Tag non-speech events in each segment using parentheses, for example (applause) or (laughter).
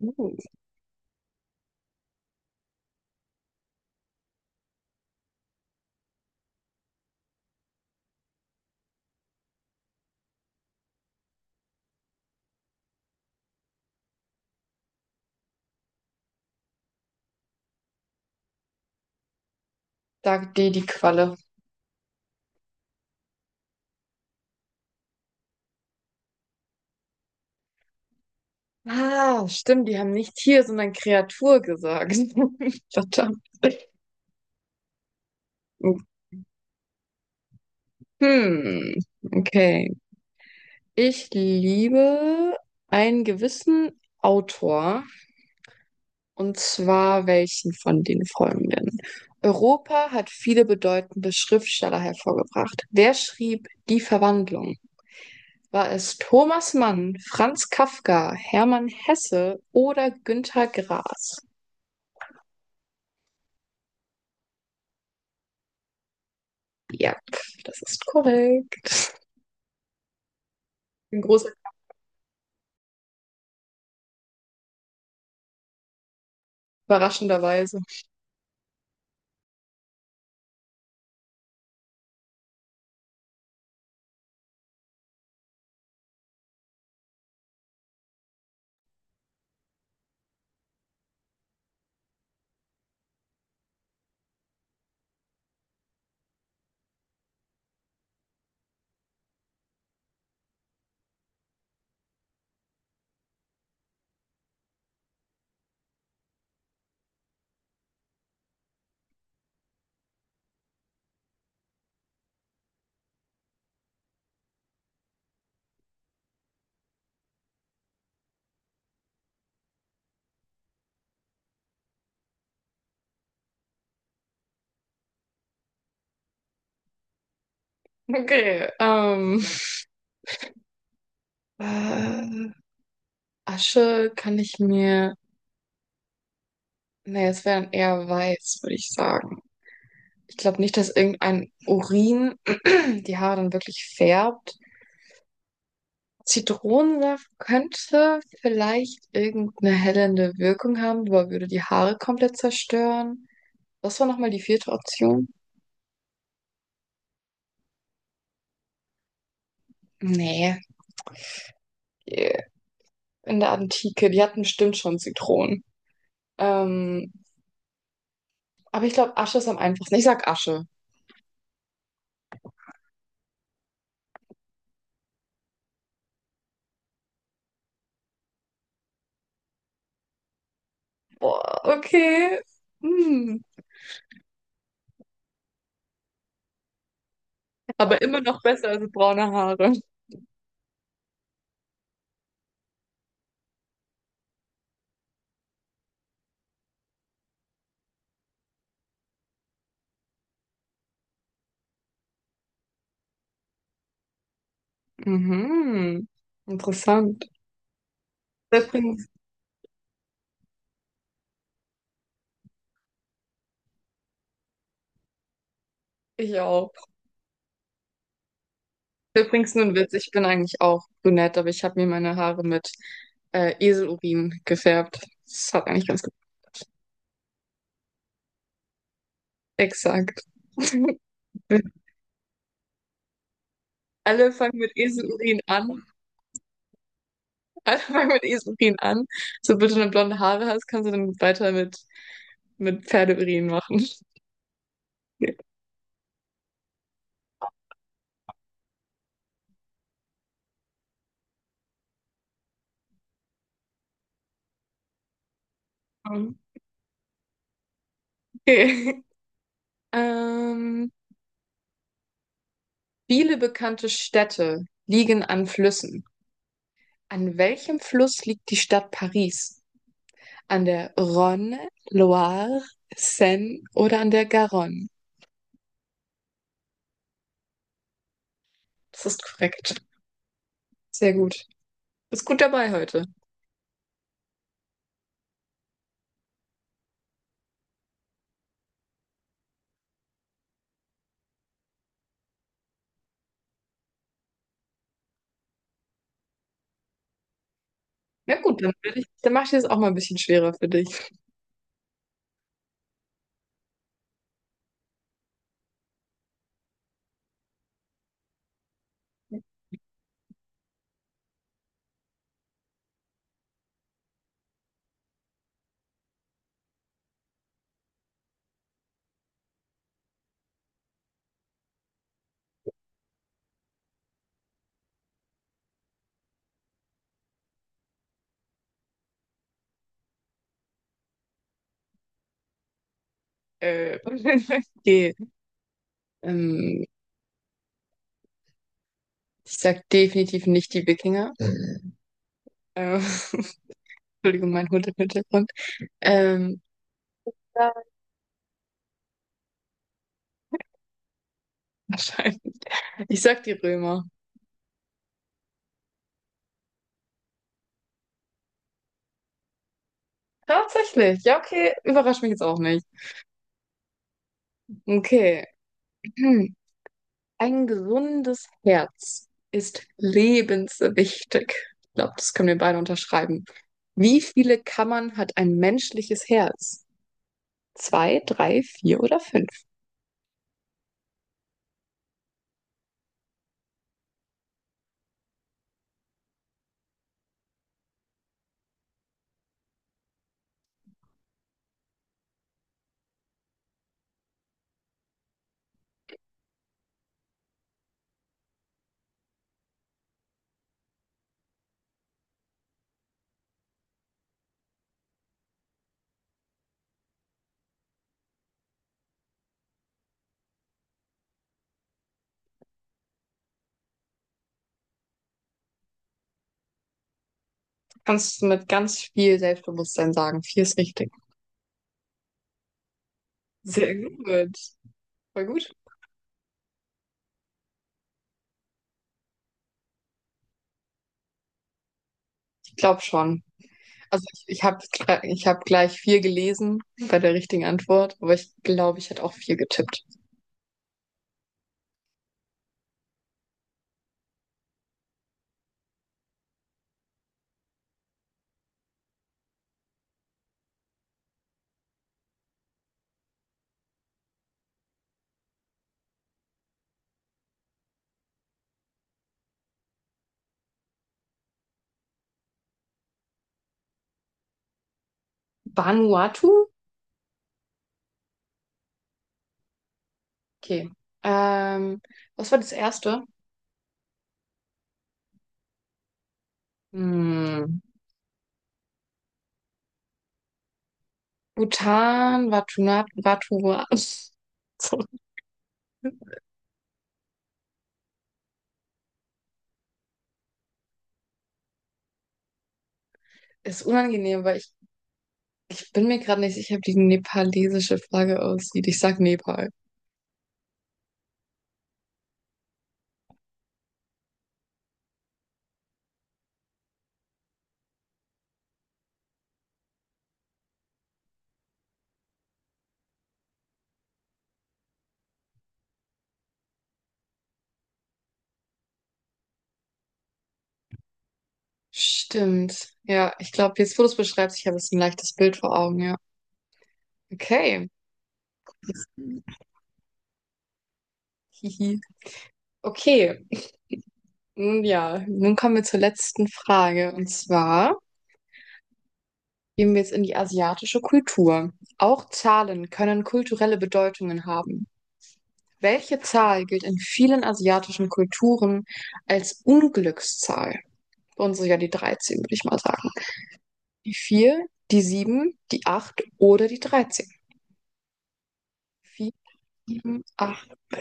Hm. Sagt dir die Qualle. Ah, stimmt, die haben nicht Tier, sondern Kreatur gesagt. (laughs) Verdammt. Hm, okay. Ich liebe einen gewissen Autor, und zwar welchen von den folgenden? Europa hat viele bedeutende Schriftsteller hervorgebracht. Wer schrieb Die Verwandlung? War es Thomas Mann, Franz Kafka, Hermann Hesse oder Günter Grass? Ja, das ist korrekt. In großer überraschenderweise. Okay, äh, Asche kann ich mir, nee, es wäre dann eher weiß, würde ich sagen. Ich glaube nicht, dass irgendein Urin (clears throat) die Haare dann wirklich färbt. Zitronensaft könnte vielleicht irgendeine hellende Wirkung haben, aber würde die Haare komplett zerstören. Was war nochmal die vierte Option? Nee, in der Antike, die hatten bestimmt schon Zitronen. Ähm, Aber ich glaube, Asche ist am einfachsten. Ich sag Asche. Boah, okay. Hm. Aber immer noch besser als braune Haare. Mhm. Interessant. Übrigens, ich auch. Übrigens nur ein Witz, ich bin eigentlich auch brünett, aber ich habe mir meine Haare mit Eselurin gefärbt. Das hat eigentlich ganz gut. Exakt. (laughs) Alle fangen mit Eselurin an. Alle fangen mit Eselurin an. So, bitte, wenn du blonde Haare hast, kannst du dann weiter mit Pferdeurin machen. (laughs) Ja. Okay. Ähm, viele bekannte Städte liegen an Flüssen. An welchem Fluss liegt die Stadt Paris? An der Rhone, Loire, Seine oder an der Garonne? Das ist korrekt. Sehr gut. Bist gut dabei heute. Ja gut, will ich, dann mache ich das auch mal ein bisschen schwerer für dich. Äh, (laughs) okay. Ähm, ich sag definitiv nicht die Wikinger. Ähm, (laughs) Entschuldigung, mein Hund im Hintergrund. Ähm, ja, wahrscheinlich. Ich sag die Römer. Tatsächlich. Ja, okay. Überrascht mich jetzt auch nicht. Okay. Hm. Ein gesundes Herz ist lebenswichtig. Ich glaube, das können wir beide unterschreiben. Wie viele Kammern hat ein menschliches Herz? Zwei, drei, vier oder fünf? Kannst du mit ganz viel Selbstbewusstsein sagen. Vier ist richtig. Sehr gut. Voll gut. Ich glaube schon. Also ich habe ich hab gleich vier gelesen bei der richtigen Antwort, aber ich glaube, ich hätte auch vier getippt. Vanuatu? Okay. Ähm, was war das erste? Hm. Bhutan, Vatuna, Vatua. (laughs) So. Ist unangenehm, ich bin mir gerade nicht sicher, wie die nepalesische Flagge aussieht. Ich sag Nepal. Stimmt. Ja, ich glaube, jetzt, wo du es beschreibst, ich habe jetzt ein leichtes Bild vor Augen, ja. Okay. Hihi. Okay. Nun ja, nun kommen wir zur letzten Frage. Und zwar gehen wir jetzt in die asiatische Kultur. Auch Zahlen können kulturelle Bedeutungen haben. Welche Zahl gilt in vielen asiatischen Kulturen als Unglückszahl? Bei uns ist ja die 13, würde ich mal sagen. Die 4, die 7, die 8 oder die 13. 4, 7, 8. (laughs)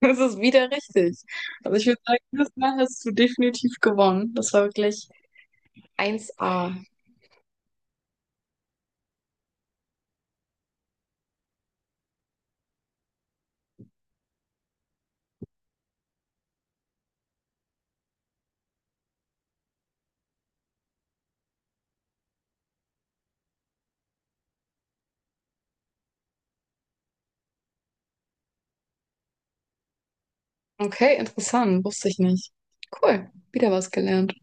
Das ist wieder richtig. Also ich würde sagen, das Mal hast du definitiv gewonnen. Das war wirklich eins a. Okay, interessant. Wusste ich nicht. Cool. Wieder was gelernt.